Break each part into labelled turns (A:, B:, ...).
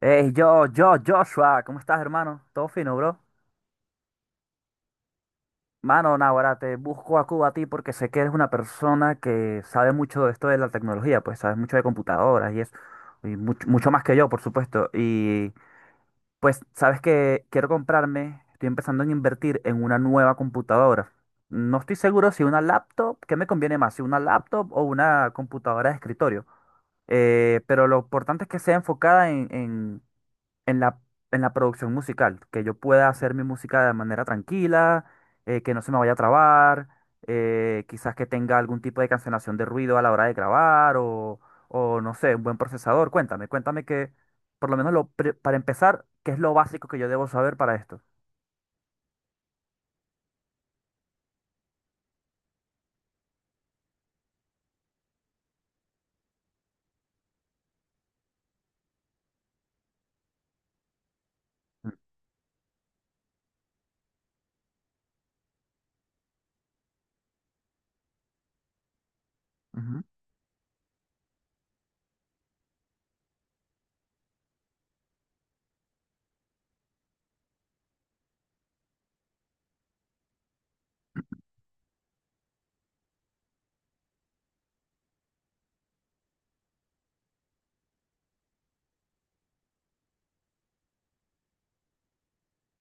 A: Hey, yo, Joshua, ¿cómo estás, hermano? Todo fino, bro. Mano, Navarra, te busco a Cuba a ti porque sé que eres una persona que sabe mucho de esto de la tecnología, pues sabes mucho de computadoras y eso, y mucho, mucho más que yo, por supuesto. Y pues sabes que quiero comprarme, estoy empezando en invertir en una nueva computadora. No estoy seguro si una laptop, ¿qué me conviene más? Si una laptop o una computadora de escritorio. Pero lo importante es que sea enfocada en en la producción musical, que yo pueda hacer mi música de manera tranquila, que no se me vaya a trabar, quizás que tenga algún tipo de cancelación de ruido a la hora de grabar o no sé, un buen procesador. Por lo menos para empezar, ¿qué es lo básico que yo debo saber para esto? Mm, ujú,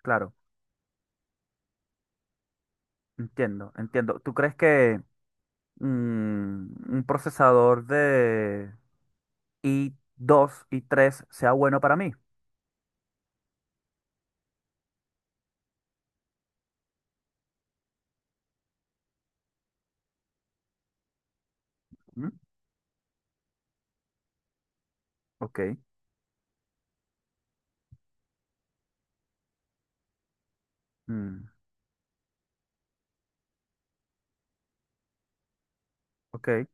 A: claro, entiendo, entiendo. ¿Tú crees que un procesador de i dos y 3 sea bueno para mí? Mm. Ok. Mm. Ok.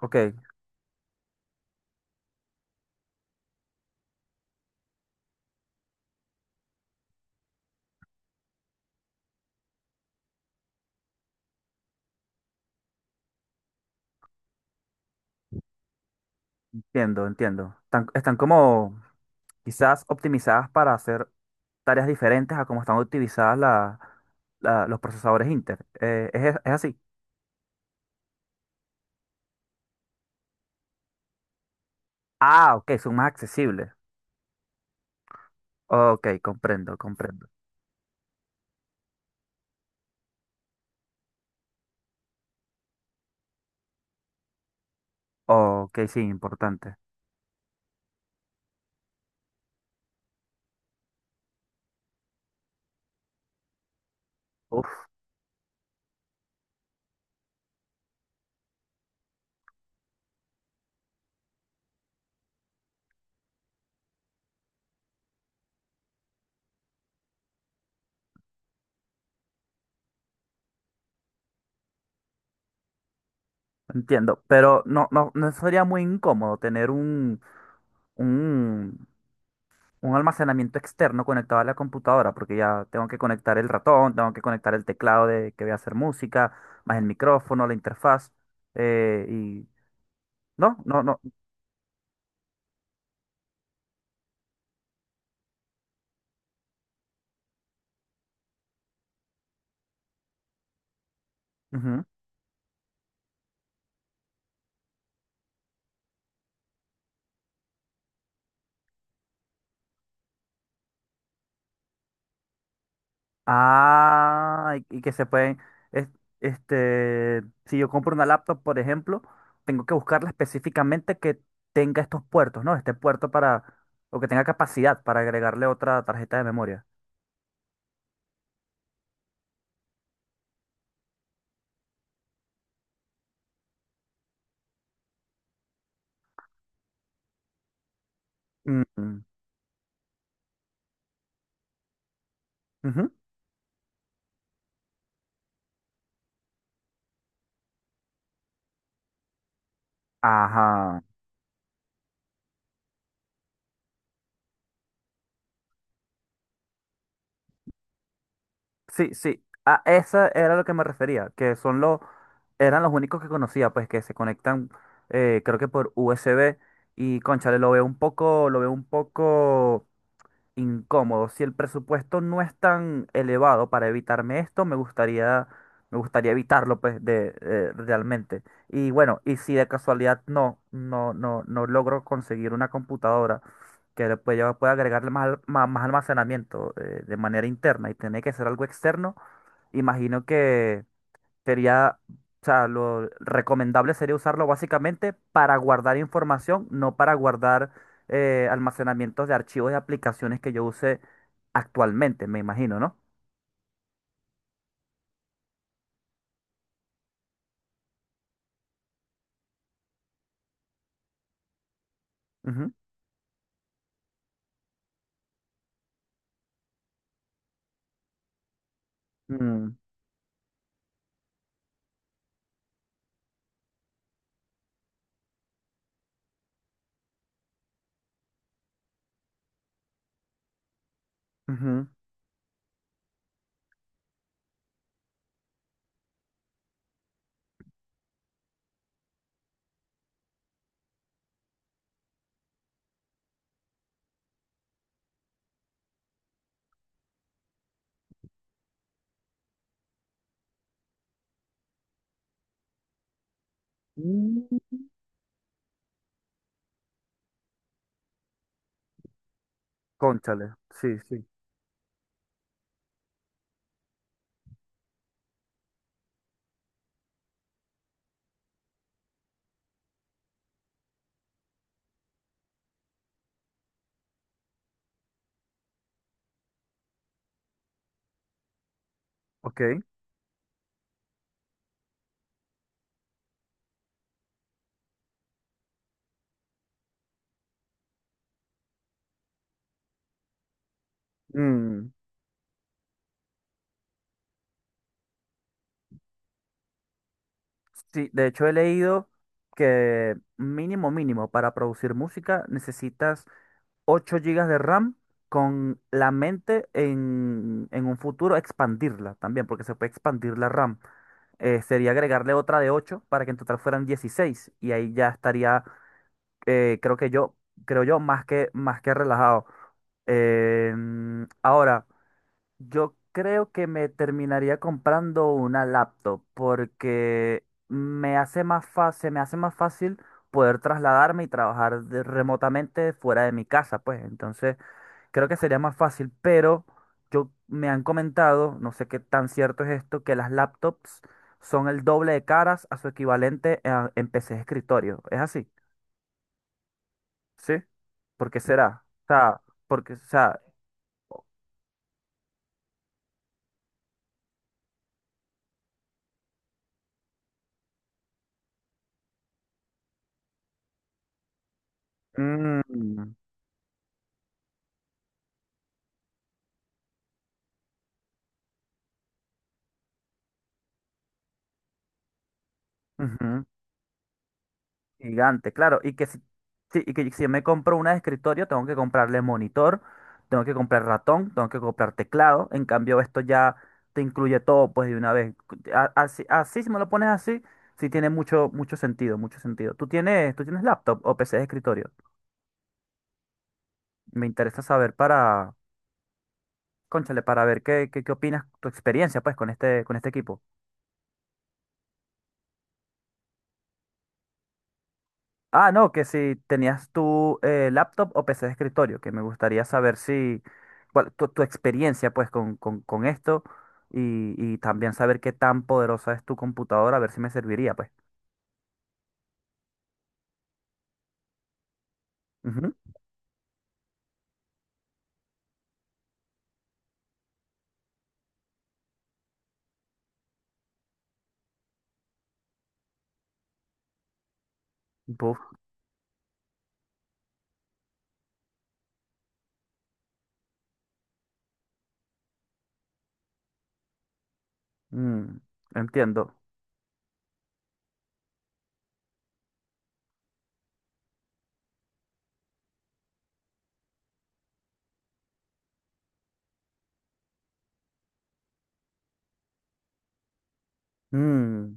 A: Ok, entiendo, entiendo. Están, están como quizás optimizadas para hacer tareas diferentes a como están optimizadas los procesadores Inter. ¿Es, es así? Ah, ok, son más accesibles. Ok, comprendo, comprendo. Ok, sí, importante. Uf, entiendo. Pero no, no, no sería muy incómodo tener un un almacenamiento externo conectado a la computadora, porque ya tengo que conectar el ratón, tengo que conectar el teclado de que voy a hacer música, más el micrófono, la interfaz, eh, y no, no, no. Ujú. Ah, y que se pueden, es- este, si yo compro una laptop, por ejemplo, tengo que buscarla específicamente que tenga estos puertos, ¿no? Este puerto para, o que tenga capacidad para agregarle otra tarjeta de memoria. Mm, ujú. Ajá. Sí, sí. A esa era lo que me refería, que son los, eran los únicos que conocía, pues que se conectan, creo que por USB y cónchale, lo veo un poco, lo veo un poco incómodo. Si el presupuesto no es tan elevado para evitarme esto, me gustaría evitarlo, pues, realmente. Y bueno, y si de casualidad no logro conseguir una computadora que pueda agregarle más, más almacenamiento, de manera interna y tiene que ser algo externo, imagino que o sea, lo recomendable sería usarlo básicamente para guardar información, no para guardar almacenamientos de archivos de aplicaciones que yo use actualmente, me imagino, ¿no? Ujú. Mm, ujú. Mm. Cónchale, sí, sí, ok. Mm, sí, de hecho he leído que mínimo, mínimo, para producir música necesitas 8 gigas de RAM con la mente en un futuro expandirla también, porque se puede expandir la RAM. Sería agregarle otra de 8 para que en total fueran 16 y ahí ya estaría, eh, creo que yo, creo yo, más que relajado. Ahora, yo creo que me terminaría comprando una laptop porque me hace más fácil poder trasladarme y trabajar remotamente fuera de mi casa, pues. Entonces, creo que sería más fácil, pero yo me han comentado, no sé qué tan cierto es esto, que las laptops son el doble de caras a su equivalente en PC de escritorio. ¿Es así? ¿Sí? ¿Por qué será? O sea, porque, o sea, mm, ujú. Gigante, claro. Y que si, sí, y que si yo me compro una de escritorio, tengo que comprarle monitor, tengo que comprar ratón, tengo que comprar teclado. En cambio, esto ya te incluye todo, pues, de una vez. Así, así, si me lo pones así, sí tiene mucho, mucho sentido, mucho sentido. ¿Tú tienes laptop o PC de escritorio? Me interesa saber para, cónchale, para ver qué opinas, tu experiencia, pues, con este equipo. Ah, no, que si tenías tu laptop o PC de escritorio, que me gustaría saber si, cuál, tu experiencia pues con esto y también saber qué tan poderosa es tu computadora, a ver si me serviría pues. Ujú. Buf, mm, entiendo. Mm,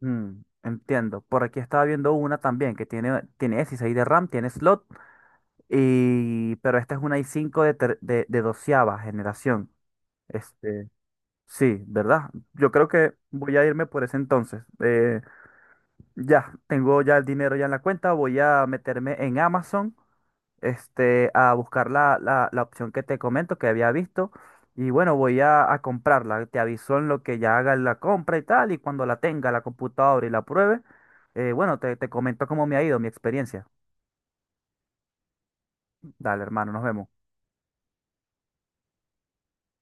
A: mm, entiendo. Por aquí estaba viendo una también que tiene 16 de RAM, tiene slot, y, pero esta es una i cinco de doceava generación. Este, Sí, ¿verdad? Yo creo que voy a irme por ese entonces. Ya, Tengo ya el dinero ya en la cuenta, voy a meterme en Amazon, este, a buscar la opción que te comento, que había visto, y bueno, voy a comprarla. Te aviso en lo que ya haga la compra y tal, y cuando la tenga la computadora y la pruebe, bueno, te, te comento cómo me ha ido mi experiencia. Dale, hermano, nos vemos.